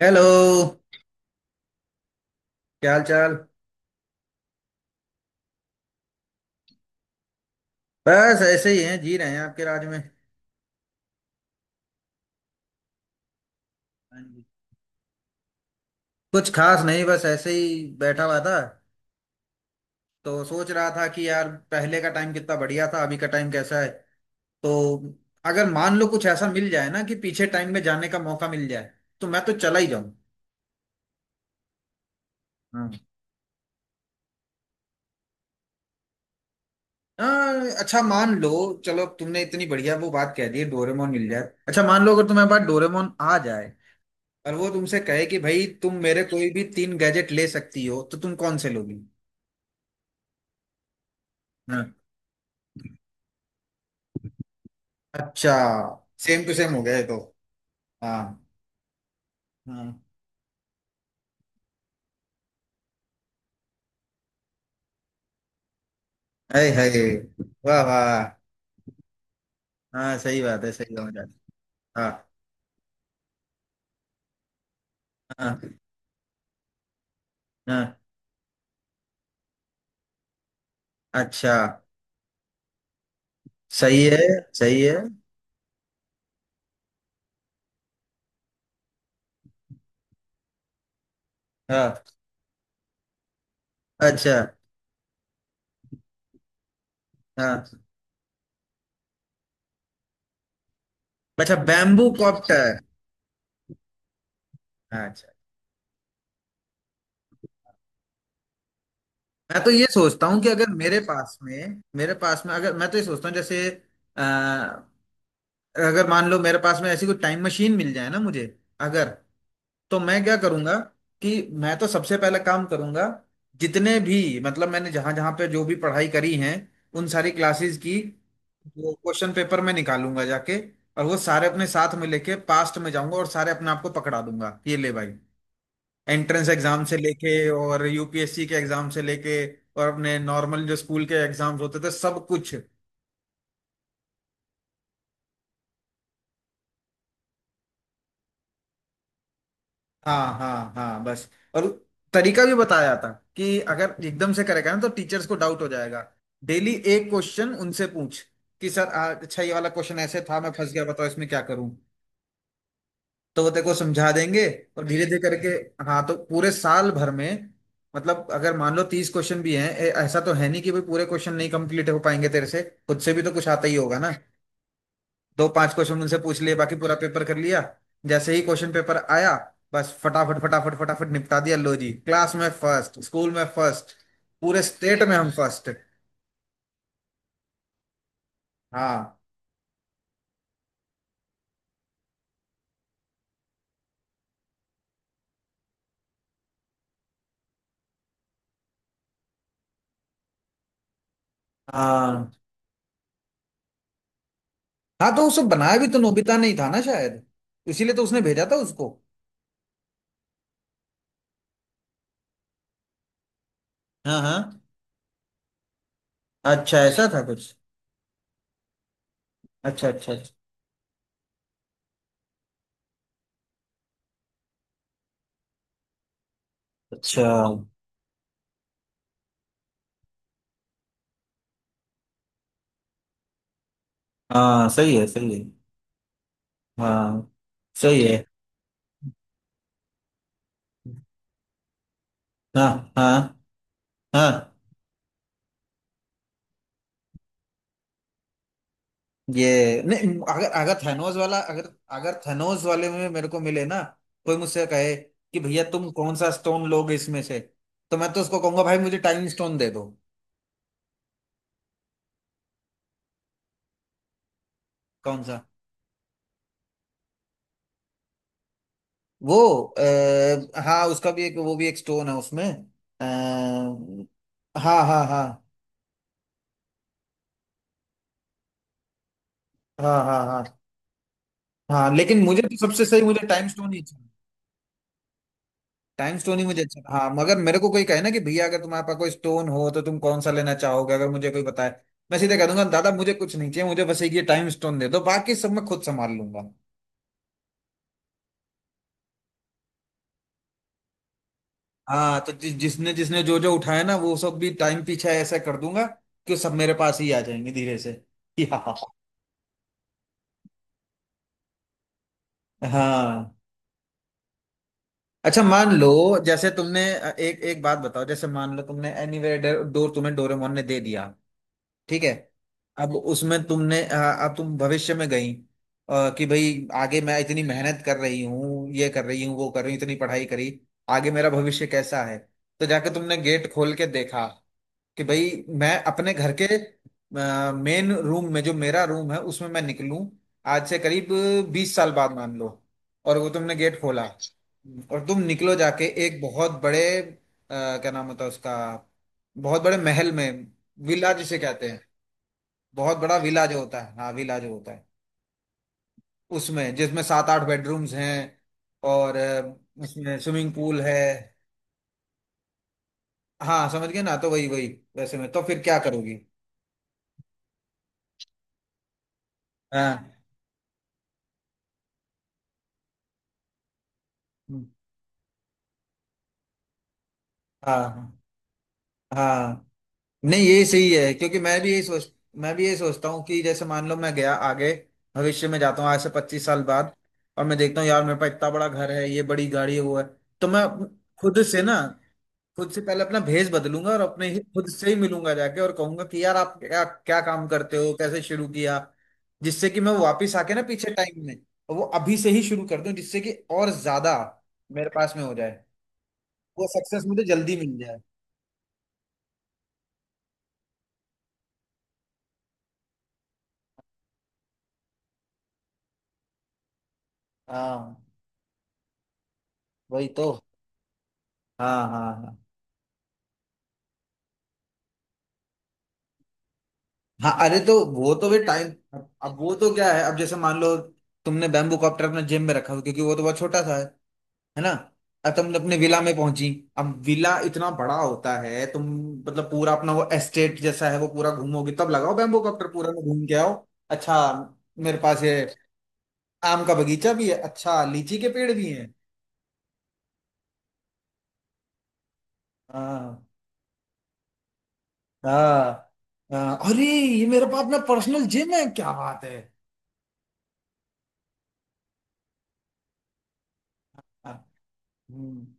Hello. क्या हाल चाल? बस ऐसे ही हैं, जी रहे हैं आपके राज में। हाँ जी। कुछ खास नहीं, बस ऐसे ही बैठा हुआ था। तो सोच रहा था कि यार पहले का टाइम कितना बढ़िया था, अभी का टाइम कैसा है। तो अगर मान लो कुछ ऐसा मिल जाए ना कि पीछे टाइम में जाने का मौका मिल जाए, तो मैं तो चला ही जाऊं। हाँ। हाँ, अच्छा मान लो। चलो, अब तुमने इतनी बढ़िया वो बात कह दी है, डोरेमोन मिल जाए। अच्छा मान लो अगर तुम्हारे पास डोरेमोन आ जाए और वो तुमसे कहे कि भाई तुम मेरे कोई भी तीन गैजेट ले सकती हो, तो तुम कौन से लोगी? अच्छा। सेम टू सेम हो गया ये तो। हाँ। हाँ। हाय हाय। वाह वाह। हाँ, सही बात है, सही बात है। हाँ। हाँ। हाँ। अच्छा। सही है, सही है। हाँ। अच्छा। हाँ। अच्छा, बैम्बू कॉप्टर। अच्छा। मैं तो ये सोचता हूँ कि अगर मेरे पास में अगर मैं तो ये सोचता हूँ जैसे, अ, अगर मान लो मेरे पास में ऐसी कोई टाइम मशीन मिल जाए ना मुझे, अगर, तो मैं क्या करूंगा? कि मैं तो सबसे पहला काम करूंगा, जितने भी मतलब मैंने जहां जहां पे जो भी पढ़ाई करी है, उन सारी क्लासेस की वो क्वेश्चन पेपर में निकालूंगा जाके, और वो सारे अपने साथ में लेके पास्ट में जाऊंगा और सारे अपने आप को पकड़ा दूंगा ये ले भाई, एंट्रेंस एग्जाम से लेके और यूपीएससी के एग्जाम से लेके, और अपने नॉर्मल जो स्कूल के एग्जाम्स होते थे सब कुछ। हाँ हाँ हाँ, बस। और तरीका भी बताया था कि अगर एकदम से करेगा ना तो टीचर्स को डाउट हो जाएगा। डेली एक क्वेश्चन उनसे पूछ, कि सर, अच्छा ये वाला क्वेश्चन ऐसे था, मैं फंस गया, बताओ इसमें क्या करूं। तो वो तेरे को समझा देंगे। और धीरे धीरे करके, हाँ, तो पूरे साल भर में, मतलब अगर मान लो 30 क्वेश्चन भी हैं, ऐसा तो है नहीं कि भाई पूरे क्वेश्चन नहीं कंप्लीट हो पाएंगे तेरे से। खुद से भी तो कुछ आता ही होगा ना। दो पांच क्वेश्चन उनसे पूछ लिए, बाकी पूरा पेपर कर लिया। जैसे ही क्वेश्चन पेपर आया, बस फटाफट फटाफट फटाफट निपटा दिया, लो जी, क्लास में फर्स्ट, स्कूल में फर्स्ट, पूरे स्टेट में हम फर्स्ट। हाँ। हाँ। हाँ, तो उसे बनाया भी तो नोबिता नहीं था ना शायद, इसीलिए तो उसने भेजा था उसको। हाँ। हाँ, अच्छा ऐसा था कुछ। अच्छा अच्छा अच्छा। अच्छा। हाँ, सही है, सही है। हाँ, सही है। हाँ। हाँ। हाँ। ये नहीं, अगर अगर थेनोस वाला, अगर अगर थेनोस वाले में मेरे को मिले ना, कोई मुझसे कहे कि भैया तुम कौन सा स्टोन लोगे इसमें से, तो मैं तो उसको कहूंगा भाई मुझे टाइम स्टोन दे दो। कौन सा? वो, हाँ, उसका भी एक, वो भी एक स्टोन है उसमें। आ, हाँ। हाँ। हाँ। हाँ। हाँ। हाँ। हाँ। लेकिन मुझे तो सबसे सही, मुझे टाइम स्टोन ही चाहिए, टाइम स्टोन ही मुझे। अच्छा। हाँ, मगर मेरे को कोई कहे ना कि भैया अगर तुम्हारे पास कोई स्टोन हो तो तुम कौन सा लेना चाहोगे, अगर मुझे कोई बताए, मैं सीधे कह दूंगा, दादा मुझे कुछ नहीं चाहिए, मुझे बस एक ये टाइम स्टोन दे दो, बाकी सब मैं खुद संभाल लूंगा। हाँ, तो जिसने जिसने जो जो उठाया ना, वो सब भी टाइम पीछे ऐसा कर दूंगा कि सब मेरे पास ही आ जाएंगे धीरे से। हाँ। हाँ, अच्छा मान लो। जैसे तुमने, एक एक बात बताओ, जैसे मान लो तुमने एनीवेयर डोर तुम्हें डोरेमोन ने दे दिया, ठीक है। अब उसमें तुमने, हाँ, अब तुम भविष्य में गई, कि भाई आगे मैं इतनी मेहनत कर रही हूँ, ये कर रही हूँ, वो कर रही हूँ, इतनी पढ़ाई करी, आगे मेरा भविष्य कैसा है। तो जाके तुमने गेट खोल के देखा कि भाई मैं अपने घर के मेन रूम में, जो मेरा रूम है, उसमें मैं निकलूं आज से करीब 20 साल बाद, मान लो। और वो तुमने गेट खोला और तुम निकलो जाके एक बहुत बड़े, क्या नाम होता है उसका, बहुत बड़े महल में, विला जिसे कहते हैं, बहुत बड़ा विला जो होता है, हाँ विला जो होता है, उसमें, जिसमें सात आठ बेडरूम्स हैं, और, उसमें स्विमिंग पूल है। हाँ, समझ गए ना, तो वही वही। वैसे में तो फिर क्या करोगी? हाँ। हम्म। हाँ। हाँ, नहीं ये सही है, क्योंकि मैं भी यही सोच, मैं भी यही सोचता हूँ कि जैसे मान लो मैं गया आगे, भविष्य में जाता हूँ आज से 25 साल बाद, और मैं देखता हूँ यार मेरे पास इतना बड़ा घर है, ये बड़ी गाड़ी है, वो है, तो मैं खुद से ना, खुद से पहले अपना भेष बदलूंगा और अपने ही खुद से ही मिलूंगा जाके और कहूंगा कि यार आप क्या क्या काम करते हो, कैसे शुरू किया, जिससे कि मैं वापिस आके ना पीछे टाइम में, और वो अभी से ही शुरू कर दूं, जिससे कि और ज्यादा मेरे पास में हो जाए, वो सक्सेस मुझे जल्दी मिल जाए। हाँ, वही तो। हाँ। हाँ। हाँ। हाँ, अरे तो वो तो भी टाइम, अब वो तो क्या है, अब जैसे मान लो तुमने बैम्बू कॉप्टर अपने जिम में रखा हो, क्योंकि वो तो बहुत छोटा सा है ना। अब तुम अपने विला में पहुंची, अब विला इतना बड़ा होता है, तुम, मतलब पूरा अपना वो एस्टेट जैसा है, वो पूरा घूमोगे, तब लगाओ बैम्बू कॉप्टर, पूरा में घूम के आओ। अच्छा, मेरे पास ये आम का बगीचा भी है, अच्छा लीची के पेड़ भी हैं। हाँ। हाँ। हाँ, अरे ये मेरे पास अपना पर्सनल जिम है, क्या बात है। हाँ। हम्म।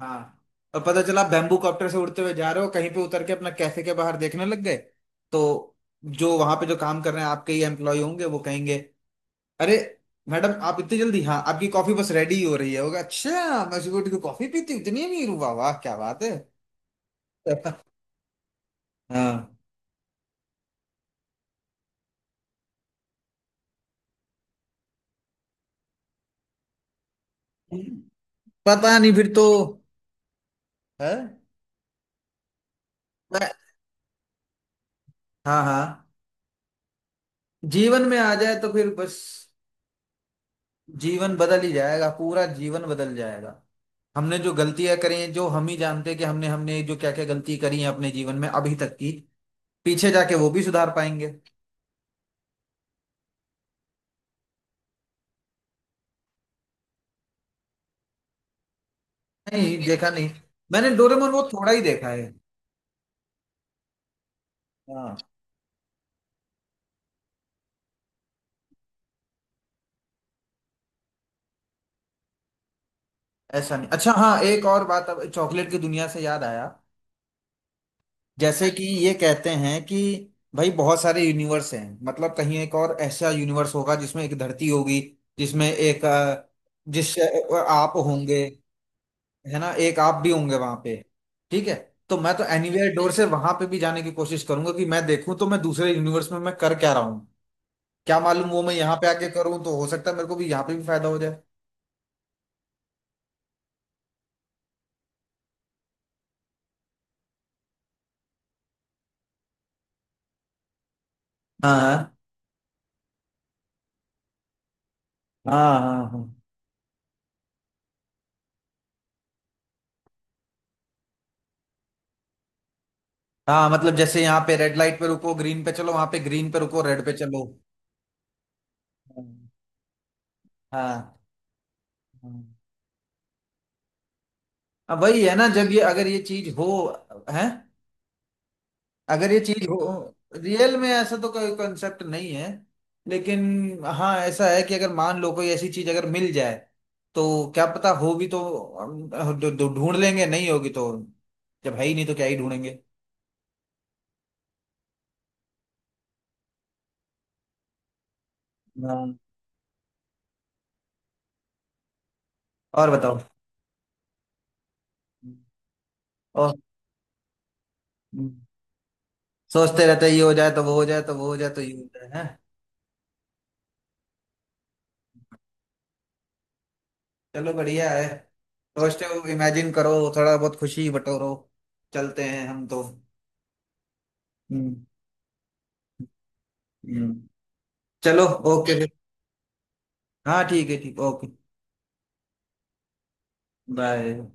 हाँ। और पता चला बैम्बू कॉप्टर से उड़ते हुए जा रहे हो, कहीं पे उतर के अपना कैफे के बाहर देखने लग गए, तो जो वहां पे जो काम कर रहे हैं, आपके ही एम्प्लॉय होंगे, वो कहेंगे, अरे मैडम आप इतनी जल्दी, हाँ आपकी कॉफी बस रेडी हो रही है होगा, अच्छा, मैं सुबह उठ के कॉफी पीती हूँ, इतनी अमीर हूँ, वाह वाह क्या बात है। हाँ। पता नहीं फिर तो, है। मैं- हाँ। हाँ, जीवन में आ जाए तो फिर बस जीवन बदल ही जाएगा, पूरा जीवन बदल जाएगा। हमने जो गलतियां करी हैं, जो हम ही जानते हैं कि हमने हमने जो क्या क्या गलती करी है अपने जीवन में अभी तक की, पीछे जाके वो भी सुधार पाएंगे। नहीं देखा नहीं, मैंने डोरेमोन वो थोड़ा ही देखा है। हाँ। ऐसा नहीं, अच्छा हाँ, एक और बात, अब चॉकलेट की दुनिया से याद आया, जैसे कि ये कहते हैं कि भाई बहुत सारे यूनिवर्स हैं, मतलब कहीं एक और ऐसा यूनिवर्स होगा जिसमें एक धरती होगी, जिसमें एक, आप होंगे, है ना, एक आप भी होंगे वहां पे, ठीक है। तो मैं तो एनीवेयर डोर से वहां पे भी जाने की कोशिश करूंगा कि मैं देखूं तो मैं दूसरे यूनिवर्स में मैं कर क्या रहा हूँ। क्या मालूम वो मैं यहाँ पे आके करूँ तो हो सकता है मेरे को भी यहाँ पे भी फायदा हो जाए। हाँ। हाँ। हाँ। हाँ। हाँ। हाँ, मतलब जैसे यहाँ पे रेड लाइट पे रुको, ग्रीन पे चलो, वहां पे ग्रीन पे रुको, रेड पे चलो। हाँ। हाँ। हाँ। अब वही है ना, जब ये अगर ये चीज हो, है, अगर ये चीज हो रियल में, ऐसा तो कोई कॉन्सेप्ट नहीं है, लेकिन हाँ, ऐसा है कि अगर मान लो कोई ऐसी चीज अगर मिल जाए, तो क्या पता, होगी तो हम ढू- ढू- ढूंढ लेंगे, नहीं होगी तो, जब है ही नहीं तो क्या ही ढूंढेंगे। हाँ, और बताओ। हम्म। और। हम्म, सोचते रहते हैं, ये हो जाए तो वो हो जाए तो वो हो जाए तो ये हो जाए, है। चलो बढ़िया है, पॉजिटिव इमेजिन करो, थोड़ा बहुत खुशी बटोरो, चलते हैं हम तो। हम्म। हम्म। चलो, ओके फिर। हाँ ठीक है, ठीक, ओके बाय।